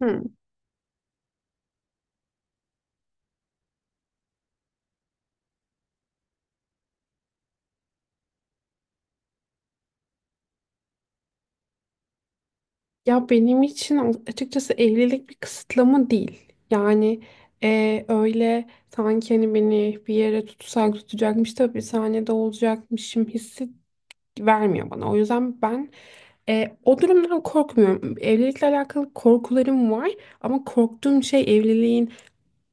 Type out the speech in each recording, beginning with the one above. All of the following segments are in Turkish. Hı. Ya benim için açıkçası evlilik bir kısıtlama değil. Yani öyle sanki hani beni bir yere tutsak tutacakmış da bir sahnede olacakmışım hissi vermiyor bana. O yüzden ben o durumdan korkmuyorum. Evlilikle alakalı korkularım var ama korktuğum şey evliliğin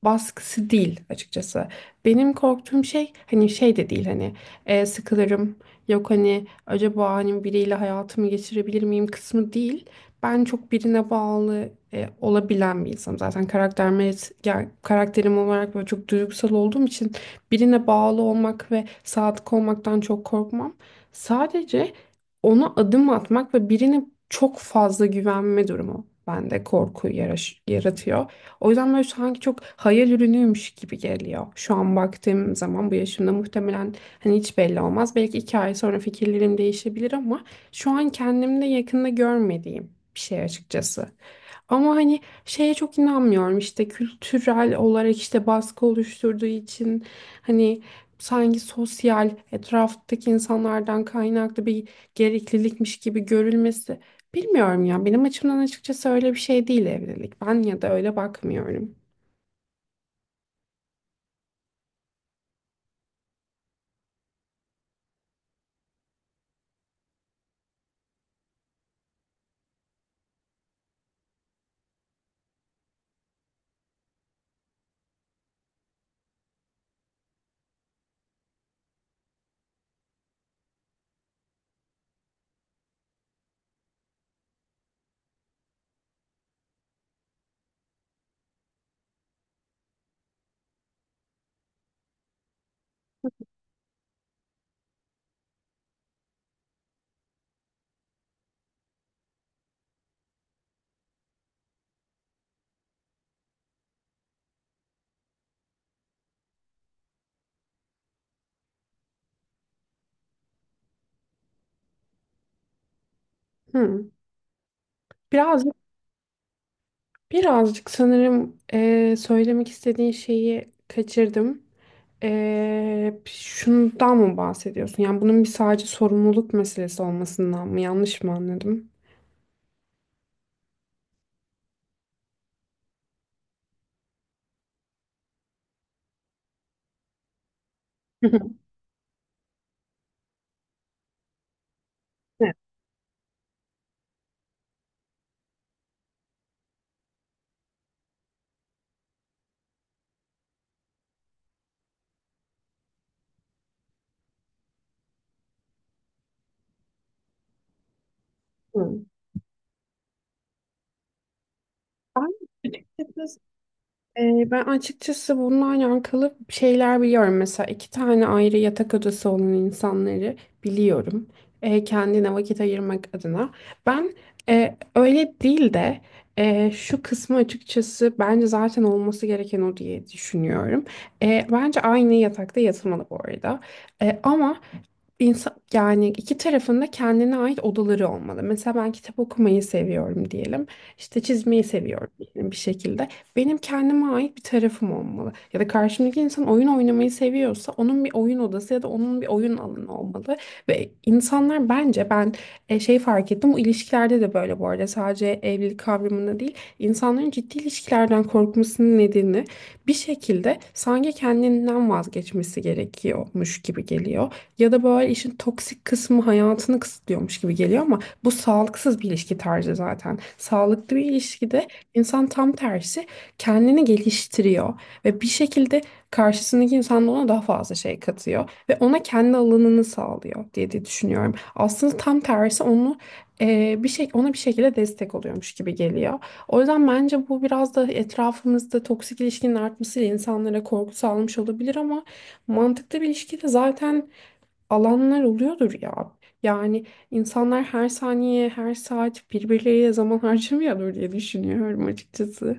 baskısı değil açıkçası. Benim korktuğum şey hani şey de değil, hani sıkılırım, yok hani acaba hani biriyle hayatımı geçirebilir miyim kısmı değil. Ben çok birine bağlı olabilen bir insanım. Zaten karakterim, yani karakterim olarak böyle çok duygusal olduğum için birine bağlı olmak ve sadık olmaktan çok korkmam. Sadece ona adım atmak ve birine çok fazla güvenme durumu bende korku yaratıyor. O yüzden böyle sanki çok hayal ürünüymüş gibi geliyor. Şu an baktığım zaman bu yaşımda muhtemelen, hani hiç belli olmaz. Belki 2 ay sonra fikirlerim değişebilir ama şu an kendimde yakında görmediğim bir şey açıkçası. Ama hani şeye çok inanmıyorum, işte kültürel olarak işte baskı oluşturduğu için, hani sanki sosyal etraftaki insanlardan kaynaklı bir gereklilikmiş gibi görülmesi. Bilmiyorum ya. Benim açımdan açıkçası öyle bir şey değil evlilik. Ben ya da öyle bakmıyorum. Hı. Birazcık, birazcık sanırım söylemek istediğin şeyi kaçırdım. Şundan mı bahsediyorsun? Yani bunun bir sadece sorumluluk meselesi olmasından mı? Yanlış mı anladım? Hı hı. Evet. Hı. Ben Ben açıkçası bununla alakalı şeyler biliyorum. Mesela iki tane ayrı yatak odası olan insanları biliyorum. Kendine vakit ayırmak adına. Ben öyle değil de şu kısmı açıkçası bence zaten olması gereken o diye düşünüyorum. Bence aynı yatakta yatılmalı bu arada. Ama İnsan, yani iki tarafında kendine ait odaları olmalı. Mesela ben kitap okumayı seviyorum diyelim. İşte çizmeyi seviyorum diyelim bir şekilde. Benim kendime ait bir tarafım olmalı. Ya da karşımdaki insan oyun oynamayı seviyorsa onun bir oyun odası ya da onun bir oyun alanı olmalı. Ve insanlar bence, ben şey fark ettim. Bu ilişkilerde de böyle, bu arada sadece evlilik kavramında değil. İnsanların ciddi ilişkilerden korkmasının nedeni bir şekilde sanki kendinden vazgeçmesi gerekiyormuş gibi geliyor. Ya da böyle işin toksik kısmı hayatını kısıtlıyormuş gibi geliyor ama bu sağlıksız bir ilişki tarzı zaten. Sağlıklı bir ilişkide insan tam tersi kendini geliştiriyor ve bir şekilde karşısındaki insan da ona daha fazla şey katıyor ve ona kendi alanını sağlıyor diye düşünüyorum. Aslında tam tersi, onu bir şey ona bir şekilde destek oluyormuş gibi geliyor. O yüzden bence bu biraz da etrafımızda toksik ilişkinin artmasıyla insanlara korku sağlamış olabilir ama mantıklı bir ilişkide zaten alanlar oluyordur ya. Yani insanlar her saniye, her saat birbirleriyle zaman harcamıyordur diye düşünüyorum açıkçası.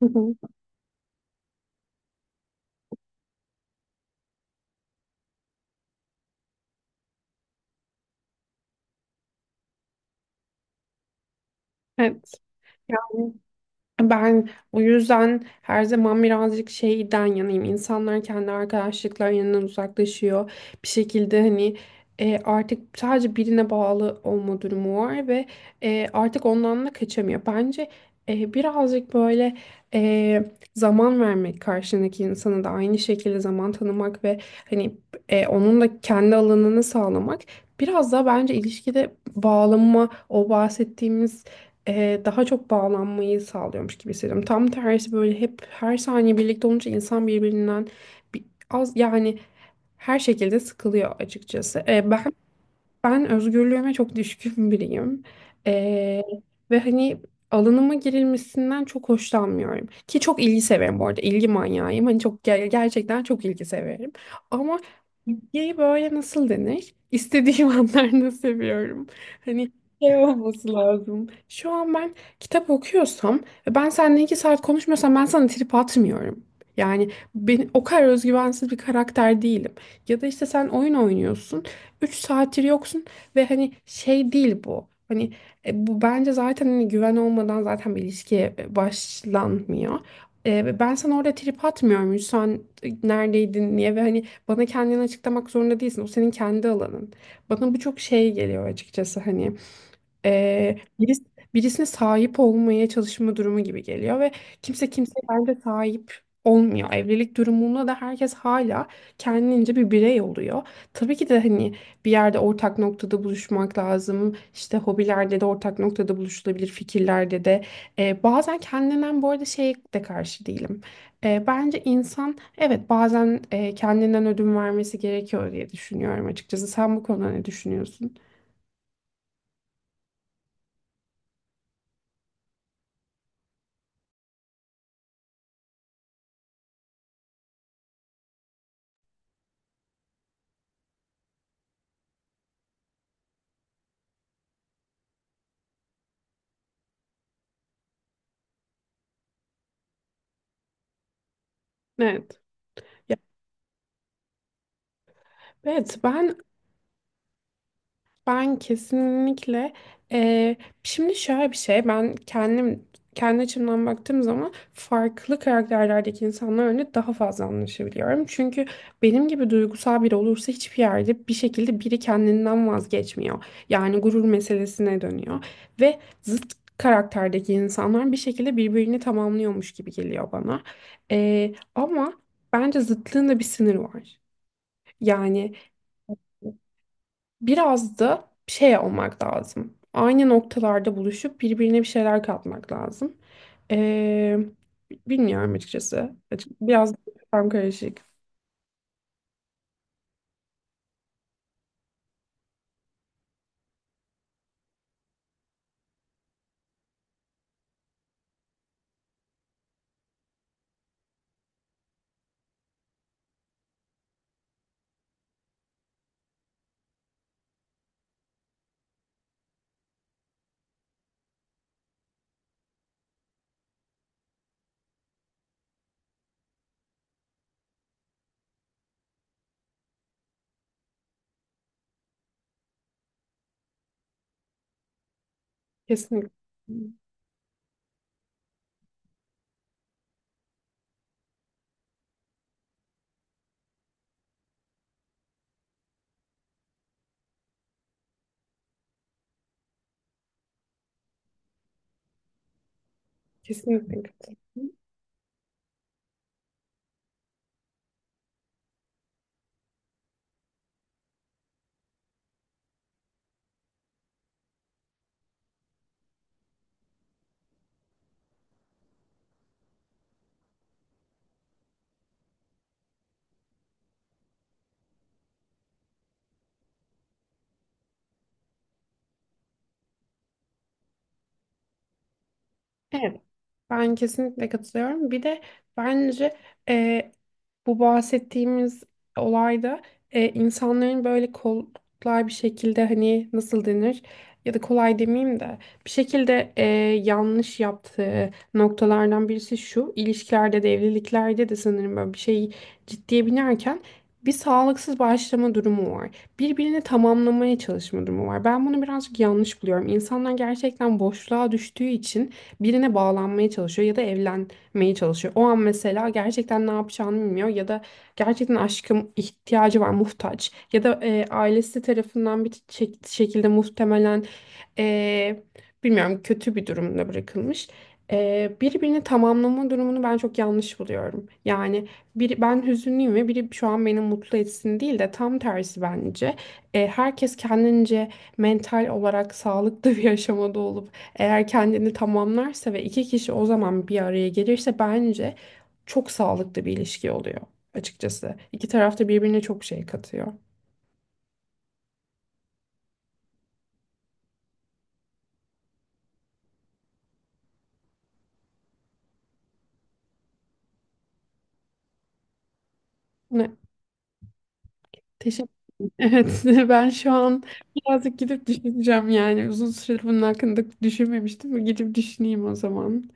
Evet. Yani ben o yüzden her zaman birazcık şeyden yanayım. İnsanlar kendi arkadaşlıklarından uzaklaşıyor. Bir şekilde, hani artık sadece birine bağlı olma durumu var ve artık ondan da kaçamıyor. Bence birazcık böyle e, zaman vermek, karşındaki insana da aynı şekilde zaman tanımak ve hani onun da kendi alanını sağlamak biraz daha bence ilişkide bağlanma, o bahsettiğimiz daha çok bağlanmayı sağlıyormuş gibi hissediyorum. Tam tersi, böyle hep her saniye birlikte olunca insan birbirinden bir, az yani her şekilde sıkılıyor açıkçası. Ben özgürlüğüme çok düşkün biriyim. Ee, ve hani alanıma girilmesinden çok hoşlanmıyorum. Ki çok ilgi severim bu arada. İlgi manyağıyım. Hani çok gerçekten çok ilgi severim. Ama ilgiyi böyle nasıl denir? İstediğim anlarda seviyorum. Hani şey olması lazım. Şu an ben kitap okuyorsam ve ben seninle 2 saat konuşmuyorsam ben sana trip atmıyorum. Yani ben o kadar özgüvensiz bir karakter değilim. Ya da işte sen oyun oynuyorsun. 3 saattir yoksun ve hani şey değil bu. Hani bu bence zaten hani güven olmadan zaten bir ilişkiye başlanmıyor. Ben sana orada trip atmıyorum. Sen neredeydin niye ve hani bana kendini açıklamak zorunda değilsin. O senin kendi alanın. Bana bu çok şey geliyor açıkçası hani. Ee, biris- Birisine sahip olmaya çalışma durumu gibi geliyor ve kimse kimseye bence sahip olmuyor. Evlilik durumunda da herkes hala kendince bir birey oluyor. Tabii ki de hani bir yerde ortak noktada buluşmak lazım. İşte hobilerde de ortak noktada buluşulabilir, fikirlerde de. Bazen kendinden bu arada şey de karşı değilim. Bence insan evet bazen kendinden ödün vermesi gerekiyor diye düşünüyorum açıkçası. Sen bu konuda ne düşünüyorsun? Evet. Ya, evet, ben kesinlikle eee, şimdi şöyle bir şey, ben kendi açımdan baktığım zaman farklı karakterlerdeki insanlarla daha fazla anlaşabiliyorum. Çünkü benim gibi duygusal biri olursa hiçbir yerde bir şekilde biri kendinden vazgeçmiyor. Yani gurur meselesine dönüyor ve zıt karakterdeki insanlar bir şekilde birbirini tamamlıyormuş gibi geliyor bana. Ama bence zıtlığın da bir sınırı var. Yani biraz da şey olmak lazım. Aynı noktalarda buluşup birbirine bir şeyler katmak lazım. Ee, Bilmiyorum açıkçası. Biraz tam karışık. Kesinlikle. Kesinlikle. Evet. Ben kesinlikle katılıyorum. Bir de bence e, bu bahsettiğimiz olayda insanların böyle kolay bir şekilde, hani nasıl denir, ya da kolay demeyeyim de bir şekilde yanlış yaptığı noktalardan birisi şu: ilişkilerde de evliliklerde de sanırım böyle bir şey ciddiye binerken bir sağlıksız başlama durumu var. Birbirini tamamlamaya çalışma durumu var. Ben bunu birazcık yanlış buluyorum. İnsanlar gerçekten boşluğa düştüğü için birine bağlanmaya çalışıyor ya da evlenmeye çalışıyor. O an mesela gerçekten ne yapacağını bilmiyor ya da gerçekten aşkım ihtiyacı var, muhtaç ya da ailesi tarafından bir şekilde muhtemelen e, bilmiyorum kötü bir durumda bırakılmış. Birbirini tamamlama durumunu ben çok yanlış buluyorum. Yani biri ben hüzünlüyüm ve biri şu an beni mutlu etsin değil de tam tersi bence. Herkes kendince mental olarak sağlıklı bir aşamada olup eğer kendini tamamlarsa ve iki kişi o zaman bir araya gelirse bence çok sağlıklı bir ilişki oluyor açıkçası. İki taraf da birbirine çok şey katıyor. Ne? Teşekkür ederim. Evet, ben şu an birazcık gidip düşüneceğim yani. Uzun süredir bunun hakkında düşünmemiştim. Gidip düşüneyim o zaman.